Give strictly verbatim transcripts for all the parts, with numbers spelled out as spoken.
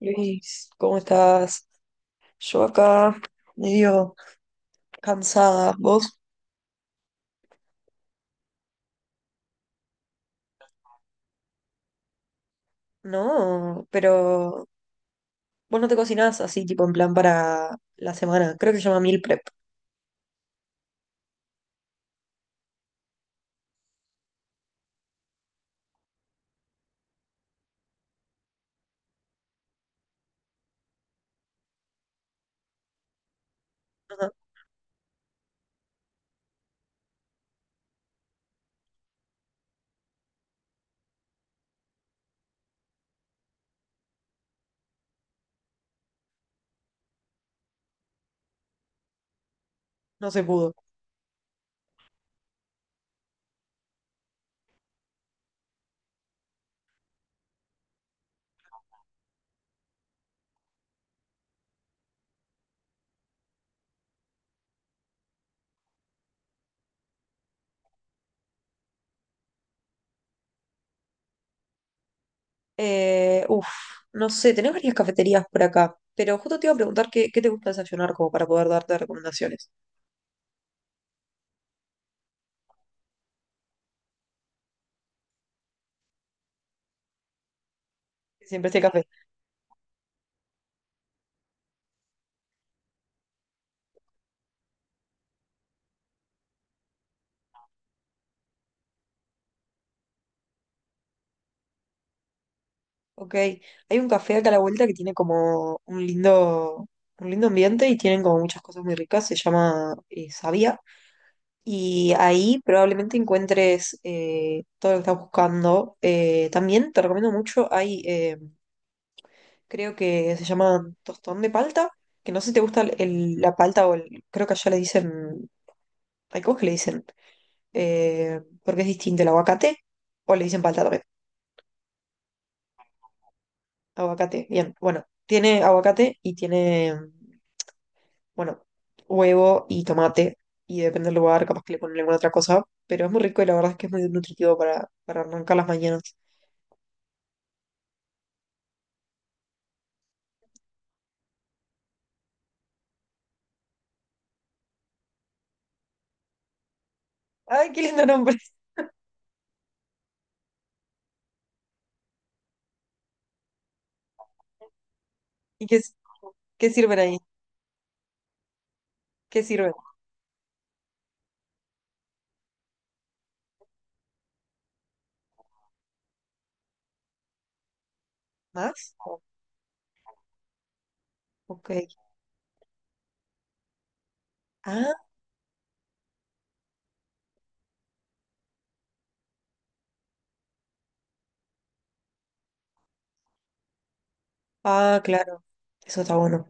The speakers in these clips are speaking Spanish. Luis, ¿cómo estás? Yo acá medio cansada. ¿Vos? No, pero vos no te cocinás así, tipo en plan para la semana. Creo que se llama meal prep. Ajá. No se pudo. Eh, uf, no sé, tenés varias cafeterías por acá, pero justo te iba a preguntar qué, qué te gusta desayunar como para poder darte recomendaciones. Siempre este café. Ok, hay un café acá a la vuelta que tiene como un lindo, un lindo ambiente y tienen como muchas cosas muy ricas. Se llama eh, Sabia. Y ahí probablemente encuentres eh, todo lo que estás buscando. Eh, también te recomiendo mucho, hay, eh, creo que se llama tostón de palta, que no sé si te gusta el- el- la palta o el, creo que allá le dicen, hay cosas que le dicen, eh, porque es distinto el aguacate, o le dicen palta también. Aguacate, bien, bueno, tiene aguacate y tiene, bueno, huevo y tomate, y depende del lugar, capaz que le ponen alguna otra cosa, pero es muy rico y la verdad es que es muy nutritivo para, para arrancar las mañanas. Ay, qué lindo nombre. ¿Y qué, s- qué sirven ahí? ¿Qué sirven? ¿Más? Ok. Ah, ah, claro. Eso está bueno.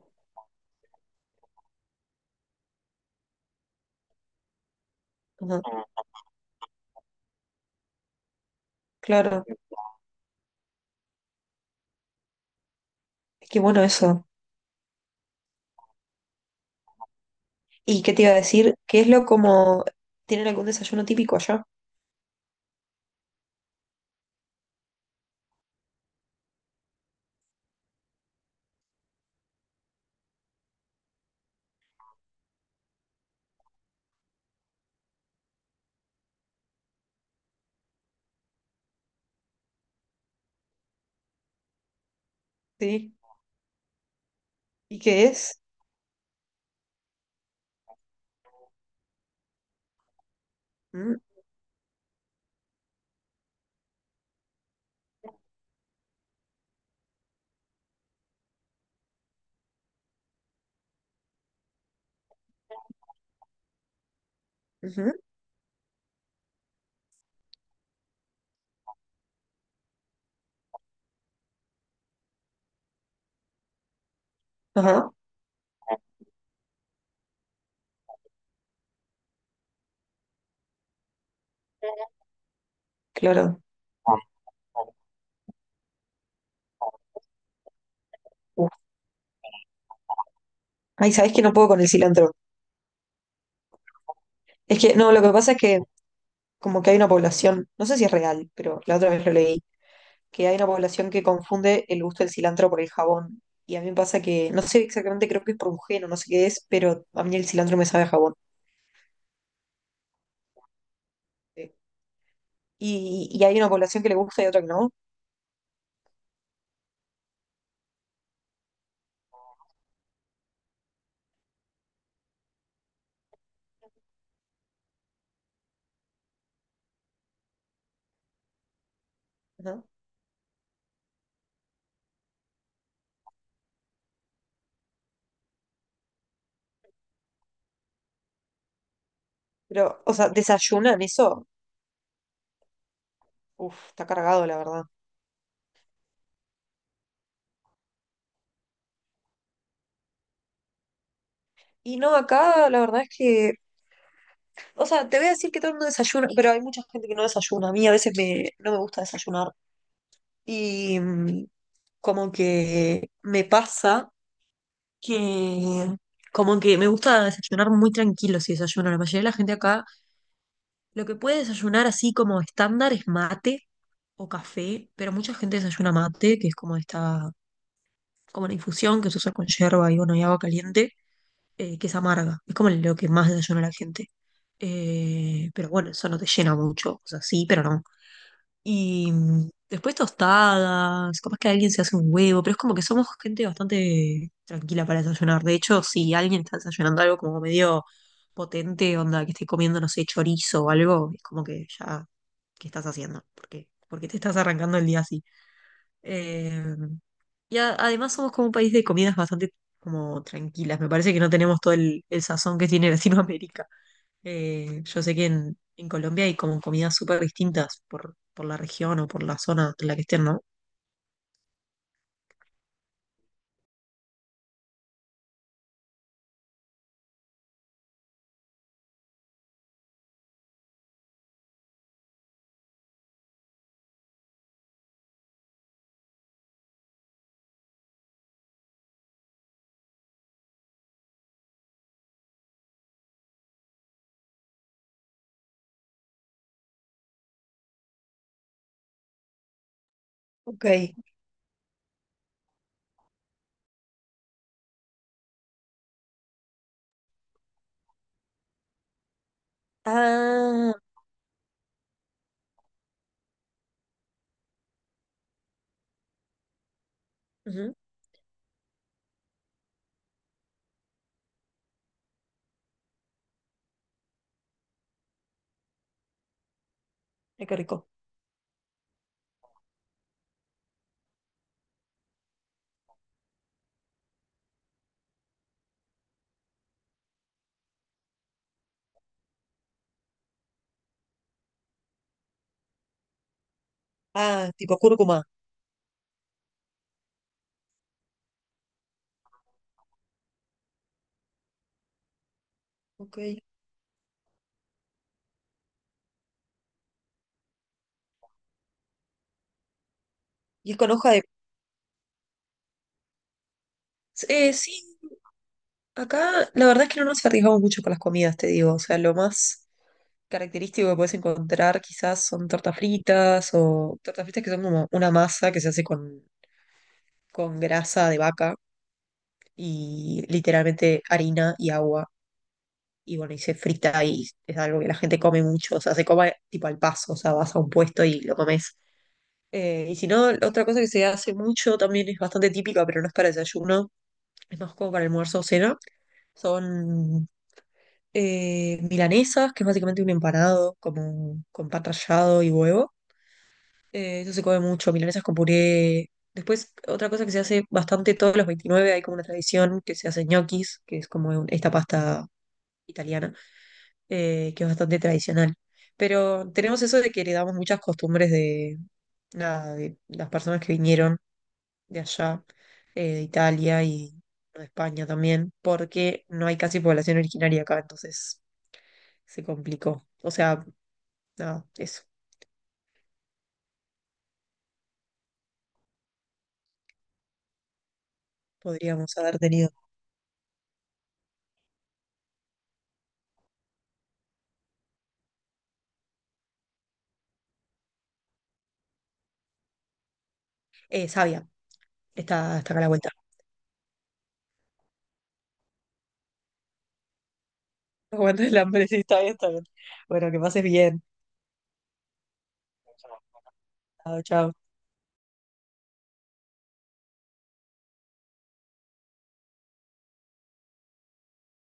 Ajá. Claro. Es que bueno eso. ¿Y qué te iba a decir? ¿Qué es lo como... ¿Tienen algún desayuno típico allá? Sí. ¿Y qué es? Mm. Ujú. Ajá, claro. Uf. Ay, ¿sabés que no puedo con el cilantro? Es que, no, lo que pasa es que como que hay una población, no sé si es real, pero la otra vez lo leí, que hay una población que confunde el gusto del cilantro por el jabón. Y a mí me pasa que, no sé exactamente, creo que es por un gen o no sé qué es, pero a mí el cilantro me sabe a jabón. Sí. Y, y hay una población que le gusta y otra que no, ¿no? Pero, o sea, desayunan eso, uf, está cargado, la verdad. Y no, acá la verdad es que, o sea, te voy a decir que todo el mundo desayuna, pero hay mucha gente que no desayuna. A mí a veces me, no me gusta desayunar. Y mm, como que me pasa que como que me gusta desayunar muy tranquilo si desayuno. La mayoría de la gente acá lo que puede desayunar así como estándar es mate o café, pero mucha gente desayuna mate, que es como esta, como una infusión que se usa con yerba y bueno, y agua caliente, eh, que es amarga. Es como lo que más desayuna la gente. Eh, pero bueno, eso no te llena mucho. O sea, sí, pero no. Y mm, después tostadas, capaz que alguien se hace un huevo, pero es como que somos gente bastante tranquila para desayunar. De hecho, si alguien está desayunando algo como medio potente, onda, que esté comiendo, no sé, chorizo o algo, es como que ya, ¿qué estás haciendo? ¿Por qué? ¿Por qué te estás arrancando el día así? Eh, y a- además somos como un país de comidas bastante como tranquilas. Me parece que no tenemos todo el, el sazón que tiene Latinoamérica. Eh, yo sé que en, en Colombia hay como comidas súper distintas por, por la región o por la zona en la que estén, ¿no? Ok. Ah, ujú. Ay, qué rico. Ah, tipo cúrcuma. Ok. Y es con hoja de... Eh, sí, acá la verdad es que no nos arriesgamos mucho con las comidas, te digo. O sea, lo más característico que puedes encontrar quizás son tortas fritas o tortas fritas que son como una masa que se hace con, con grasa de vaca y literalmente harina y agua. Y bueno, y se frita y es algo que la gente come mucho, o sea, se come tipo al paso, o sea, vas a un puesto y lo comes. Eh, y si no, otra cosa que se hace mucho también es bastante típica, pero no es para desayuno, es más como para almuerzo o cena, son eh, milanesas, que es básicamente un empanado como, con pan rallado y huevo. Eh, eso se come mucho, milanesas con puré. Después, otra cosa que se hace bastante todos los veintinueve, hay como una tradición que se hace ñoquis, que es como un- esta pasta italiana, eh, que es bastante tradicional. Pero tenemos eso de que heredamos muchas costumbres de, nada, de las personas que vinieron de allá, eh, de Italia y de España también, porque no hay casi población originaria acá, entonces se complicó. O sea, nada, eso podríamos haber tenido. Eh, Sabia, está, está acá a la vuelta. Aguanta el hambre, sí, está bien, está bien. Bueno, que pases bien. Chao, chao.